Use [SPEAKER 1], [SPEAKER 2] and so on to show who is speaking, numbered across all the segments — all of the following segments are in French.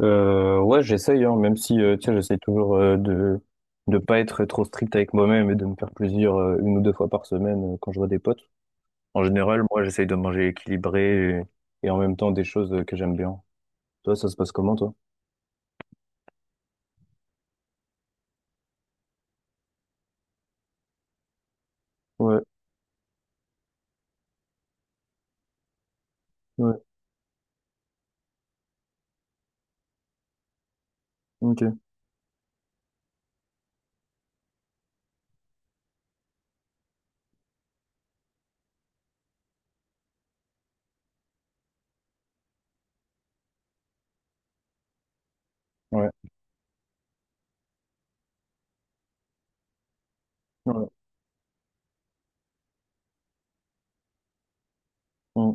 [SPEAKER 1] Ouais, j'essaye, hein, même si tu sais, j'essaie toujours de pas être trop strict avec moi-même et de me faire plaisir une ou deux fois par semaine quand je vois des potes. En général, moi, j'essaye de manger équilibré et en même temps des choses que j'aime bien. Toi, ça se passe comment, toi? Ouais, ouais, ok, ouais, ouais, mm,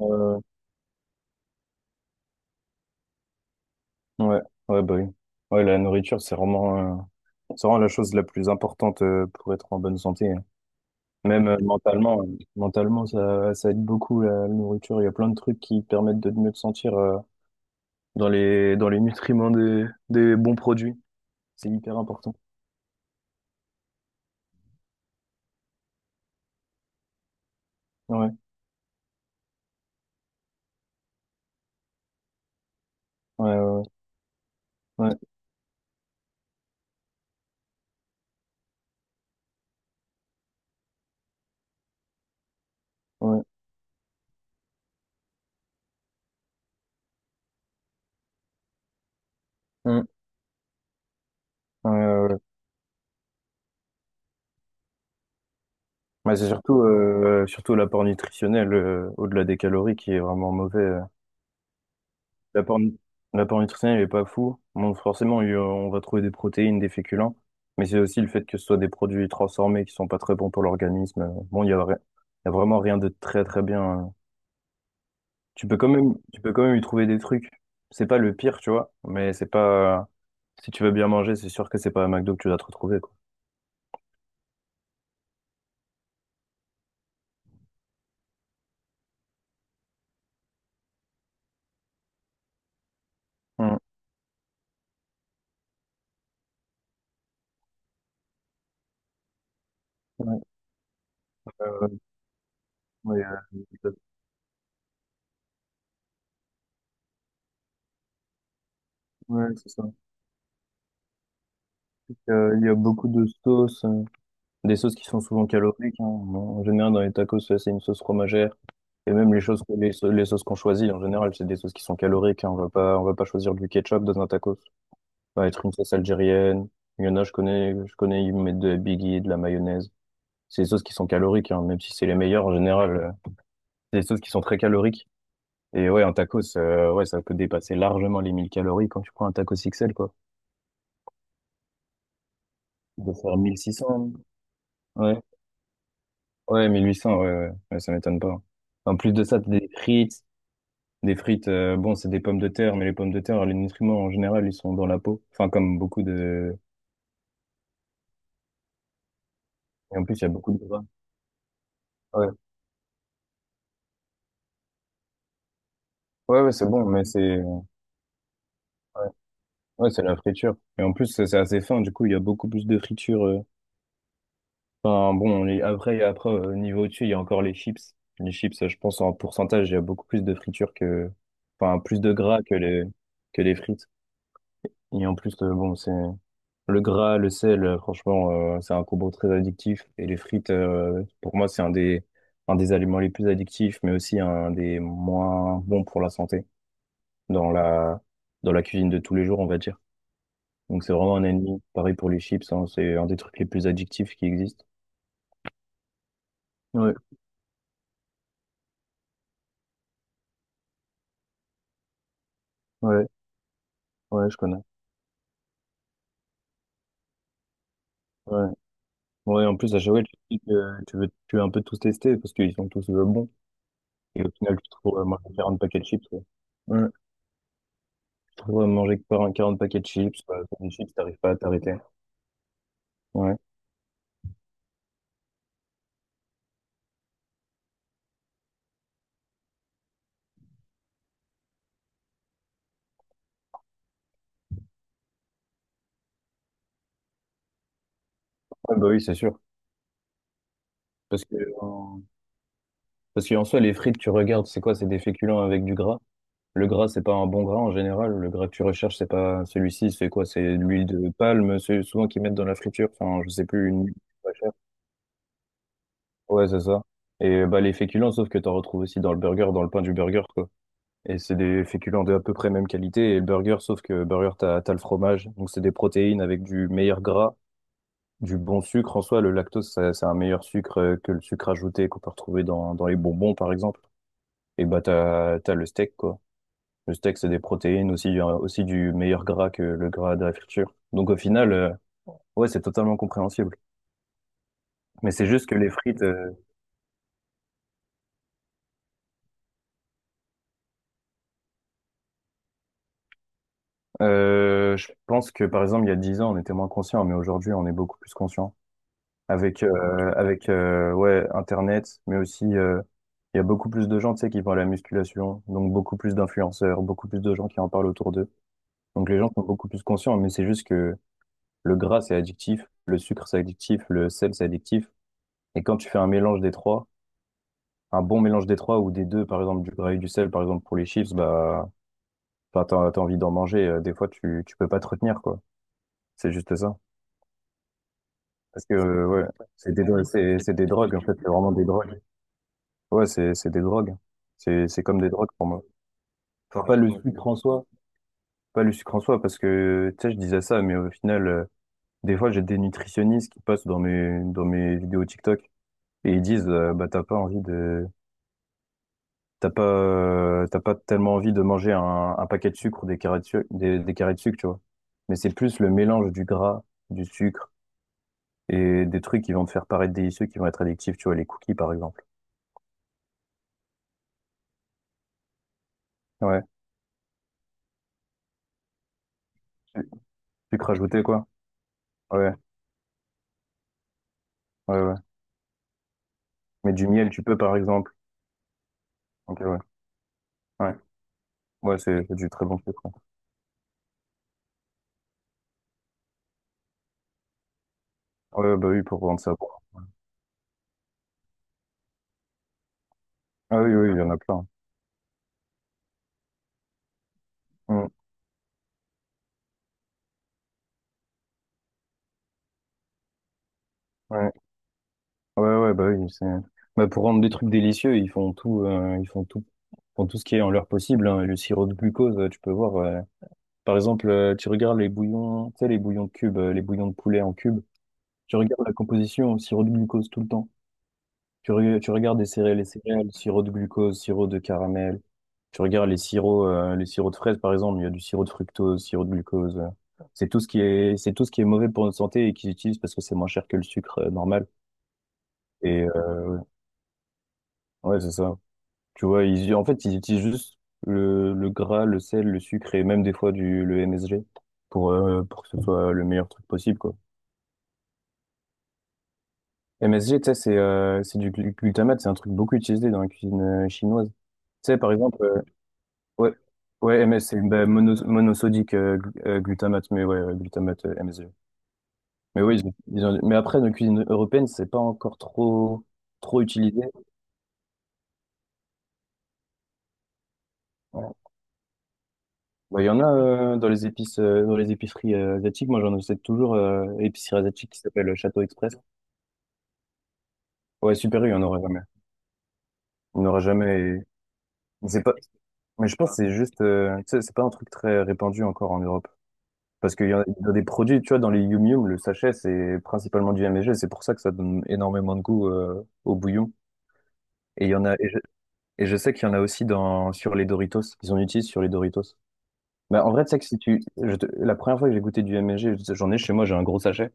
[SPEAKER 1] euh, ouais, ouais, bah oui. Ouais, la nourriture, c'est vraiment la chose la plus importante pour être en bonne santé, hein. Même mentalement, ça, ça aide beaucoup la nourriture. Il y a plein de trucs qui permettent de mieux te sentir dans les nutriments des bons produits. C'est hyper important. Ouais, ouais, ouais, ouais, ouais. Mm. Ouais, ouais, ouais. Ouais, c'est surtout, surtout l'apport nutritionnel, au-delà des calories, qui est vraiment mauvais. L'apport, nu- l'apport nutritionnel n'est pas fou. Bon, forcément, on va trouver des protéines, des féculents, mais c'est aussi le fait que ce soit des produits transformés qui sont pas très bons pour l'organisme. Bon, il y a vraiment rien de très très bien. Tu peux quand même y trouver des trucs. C'est pas le pire, tu vois, mais c'est pas. Si tu veux bien manger, c'est sûr que c'est pas à McDo que tu vas te retrouver, quoi. Mm. Ouais, euh, ouais, euh, ouais, c'est ça. Il y a beaucoup de sauces, des sauces qui sont souvent caloriques, hein. Bon, en général, dans les tacos, c'est une sauce fromagère. Et même les choses, les sauces qu'on choisit, en général, c'est des sauces qui sont caloriques, hein. On va pas choisir du ketchup dans un tacos. Ça va être une sauce algérienne. Il y en a, je connais, ils mettent de la biggie, de la mayonnaise. C'est des sauces qui sont caloriques, hein, même si c'est les meilleures en général. C'est des sauces qui sont très caloriques. Et ouais, un tacos, ouais, ça peut dépasser largement les 1000 calories quand tu prends un tacos XL, quoi. De faire 1600. Ouais. Ouais, 1800, ouais, ouais, ouais, ça m'étonne pas. En plus de ça, t'as des frites, bon, c'est des pommes de terre, mais les pommes de terre, les nutriments en général, ils sont dans la peau. Enfin, comme beaucoup de... Et en plus, il y a beaucoup de gras. Ouais, ouais, ouais, c'est bon, mais c'est... Ouais, ouais, c'est la friture. Et en plus, c'est assez fin, du coup, il y a beaucoup plus de friture. Enfin, bon, après, au niveau dessus, il y a encore les chips. Les chips, je pense, en pourcentage, il y a beaucoup plus de friture que... Enfin, plus de gras que les frites. Et en plus, bon, c'est... Le gras, le sel, franchement, c'est un combo très addictif. Et les frites, pour moi, c'est un des aliments les plus addictifs, mais aussi un des moins bons pour la santé dans la cuisine de tous les jours, on va dire. Donc, c'est vraiment un ennemi. Pareil pour les chips, hein, c'est un des trucs les plus addictifs qui existent. Ouais, ouais, ouais, je connais. Ouais. Ouais, en plus, à chaque fois, tu te dis que tu veux un peu tous tester parce qu'ils sont tous bons. Et au final, tu te retrouves à manger 40 paquets de chips, quoi. Ouais. Tu te retrouves à manger 40 paquets de chips, 40 chips, t'arrives pas à t'arrêter. Ouais. Ah bah oui, c'est sûr. Parce que, en- parce qu'en soi, les frites, tu regardes, c'est quoi? C'est des féculents avec du gras. Le gras, c'est pas un bon gras en général. Le gras que tu recherches, c'est pas celui-ci. C'est quoi? C'est de l'huile de palme, c'est souvent qu'ils mettent dans la friture. Enfin, je sais plus, une huile pas chère. Ouais, c'est ça. Et bah, les féculents, sauf que t'en retrouves aussi dans le burger, dans le pain du burger, quoi. Et c'est des féculents de à peu près même qualité. Et le burger, sauf que burger, t'as le fromage. Donc, c'est des protéines avec du meilleur gras. Du bon sucre, en soi, le lactose, c'est un meilleur sucre que le sucre ajouté qu'on peut retrouver dans les bonbons, par exemple. Et bah, t'as le steak, quoi. Le steak, c'est des protéines, aussi, aussi du meilleur gras que le gras de la friture. Donc, au final, ouais, c'est totalement compréhensible. Mais c'est juste que les frites, je pense que, par exemple, il y a 10 ans, on était moins conscient mais aujourd'hui, on est beaucoup plus conscient. Avec, ouais, Internet, mais aussi, il y a beaucoup plus de gens, tu sais, qui font à la musculation, donc beaucoup plus d'influenceurs, beaucoup plus de gens qui en parlent autour d'eux. Donc les gens sont beaucoup plus conscients, mais c'est juste que le gras, c'est addictif, le sucre, c'est addictif, le sel, c'est addictif. Et quand tu fais un mélange des trois, un bon mélange des trois ou des deux, par exemple du gras et du sel, par exemple pour les chips, bah, enfin, t'as envie d'en manger. Des fois, tu peux pas te retenir, quoi. C'est juste ça. Parce que, ouais, c'est des drogues, en fait, c'est vraiment des drogues. Ouais, c'est des drogues. C'est comme des drogues pour moi. Enfin, pas le sucre en soi, pas le sucre en soi, parce que, tu sais, je disais ça, mais au final, des fois, j'ai des nutritionnistes qui passent dans mes vidéos TikTok et ils disent, bah, t'as pas tellement envie de manger un paquet de sucre ou des carrés de sucre, des carrés de sucre, tu vois. Mais c'est plus le mélange du gras, du sucre et des trucs qui vont te faire paraître délicieux, qui vont être addictifs, tu vois, les cookies, par exemple. Ouais. Su- Sucre rajouté, quoi. Ouais, ouais, ouais. Mais du miel, tu peux, par exemple. Ok, ouais. Ouais. Ouais, c'est du très bon sucre. Ouais, bah oui, pour rendre ça bon. Ah oui, oui, il y en a plein. Mm. Ouais. Ouais, ouais, bah oui, c'est... Bah, pour rendre des trucs délicieux, font tout ce qui est en leur possible, hein. Le sirop de glucose, tu peux voir. Par exemple, tu regardes les bouillons, tu sais, les bouillons de cubes, les bouillons de poulet en cubes. Tu regardes la composition, au sirop de glucose tout le temps. Tu regardes les céréales, sirop de glucose, sirop de caramel. Tu regardes les sirops de fraises, par exemple, il y a du sirop de fructose, sirop de glucose. C'est tout ce qui est, c'est tout ce qui est mauvais pour notre santé et qu'ils utilisent parce que c'est moins cher que le sucre, normal. Et ouais, c'est ça. Tu vois, ils, en fait, ils utilisent juste le gras, le sel, le sucre et même des fois le MSG pour que ce soit le meilleur truc possible, quoi. MSG, tu sais, c'est du glutamate, c'est un truc beaucoup utilisé dans la cuisine chinoise. Tu sais, par exemple, ouais, ouais, MS, c'est bah, monosodique glutamate, mais ouais, glutamate MSG. Mais oui, mais après, dans la cuisine européenne, c'est pas encore trop, trop utilisé. Bah, il y en a dans les épices, dans les épiceries asiatiques. Moi, j'en achète toujours épicerie asiatique qui s'appelle Château Express. Ouais, Super U, il n'y en aura jamais. Il n'y en aura jamais. Mais c'est pas. Mais je pense que c'est juste, tu sais, c'est pas un truc très répandu encore en Europe. Parce qu'il y en a, il y a des produits, tu vois, dans les Yum Yum, le sachet, c'est principalement du MSG. C'est pour ça que ça donne énormément de goût au bouillon. Et il y en a. Et je sais qu'il y en a aussi dans sur les Doritos. Ils en utilisent sur les Doritos. Bah, en vrai, tu sais que si tu. Je te- la première fois que j'ai goûté du MSG, j'en ai chez moi, j'ai un gros sachet.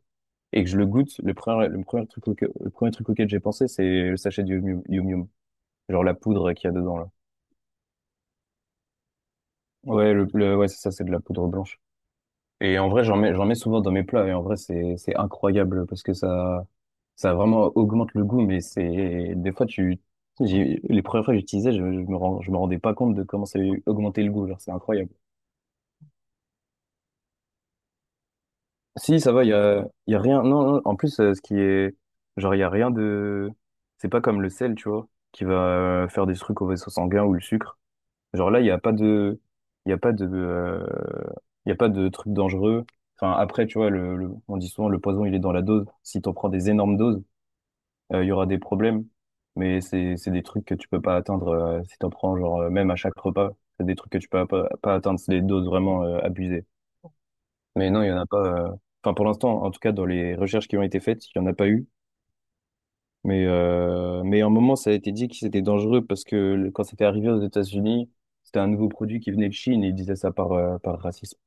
[SPEAKER 1] Et que je le goûte, le premier truc, auquel j'ai pensé, c'est le sachet du Yum Yum, Yum, genre la poudre qu'il y a dedans là. Ouais, ouais, c'est ça, c'est de la poudre blanche. Et en vrai, j'en mets souvent dans mes plats et en vrai, c'est incroyable parce que ça vraiment augmente le goût. Mais c'est, des fois, les premières fois que j'utilisais, je me rendais pas compte de comment ça augmentait le goût. Genre, c'est incroyable. Si, ça va, il y a, y a rien. Non, non, en plus, ce qui est. Genre, il y a rien de. C'est pas comme le sel, tu vois, qui va faire des trucs au vaisseau sanguin ou le sucre. Genre là, il n'y a pas de. Il y a pas de. euh, Il y a pas de trucs dangereux. Enfin, après, tu vois, on dit souvent le poison, il est dans la dose. Si t'en prends des énormes doses, il y aura des problèmes. Mais c'est des trucs que tu peux pas atteindre si t'en prends, genre, même à chaque repas. C'est des trucs que tu peux pas atteindre, c'est des doses vraiment abusées. Mais non, il n'y en a pas. euh, Enfin, pour l'instant, en tout cas, dans les recherches qui ont été faites, il n'y en a pas eu. Mais à un moment, ça a été dit que c'était dangereux parce que quand c'était arrivé aux États-Unis, c'était un nouveau produit qui venait de Chine et ils disaient ça par racisme.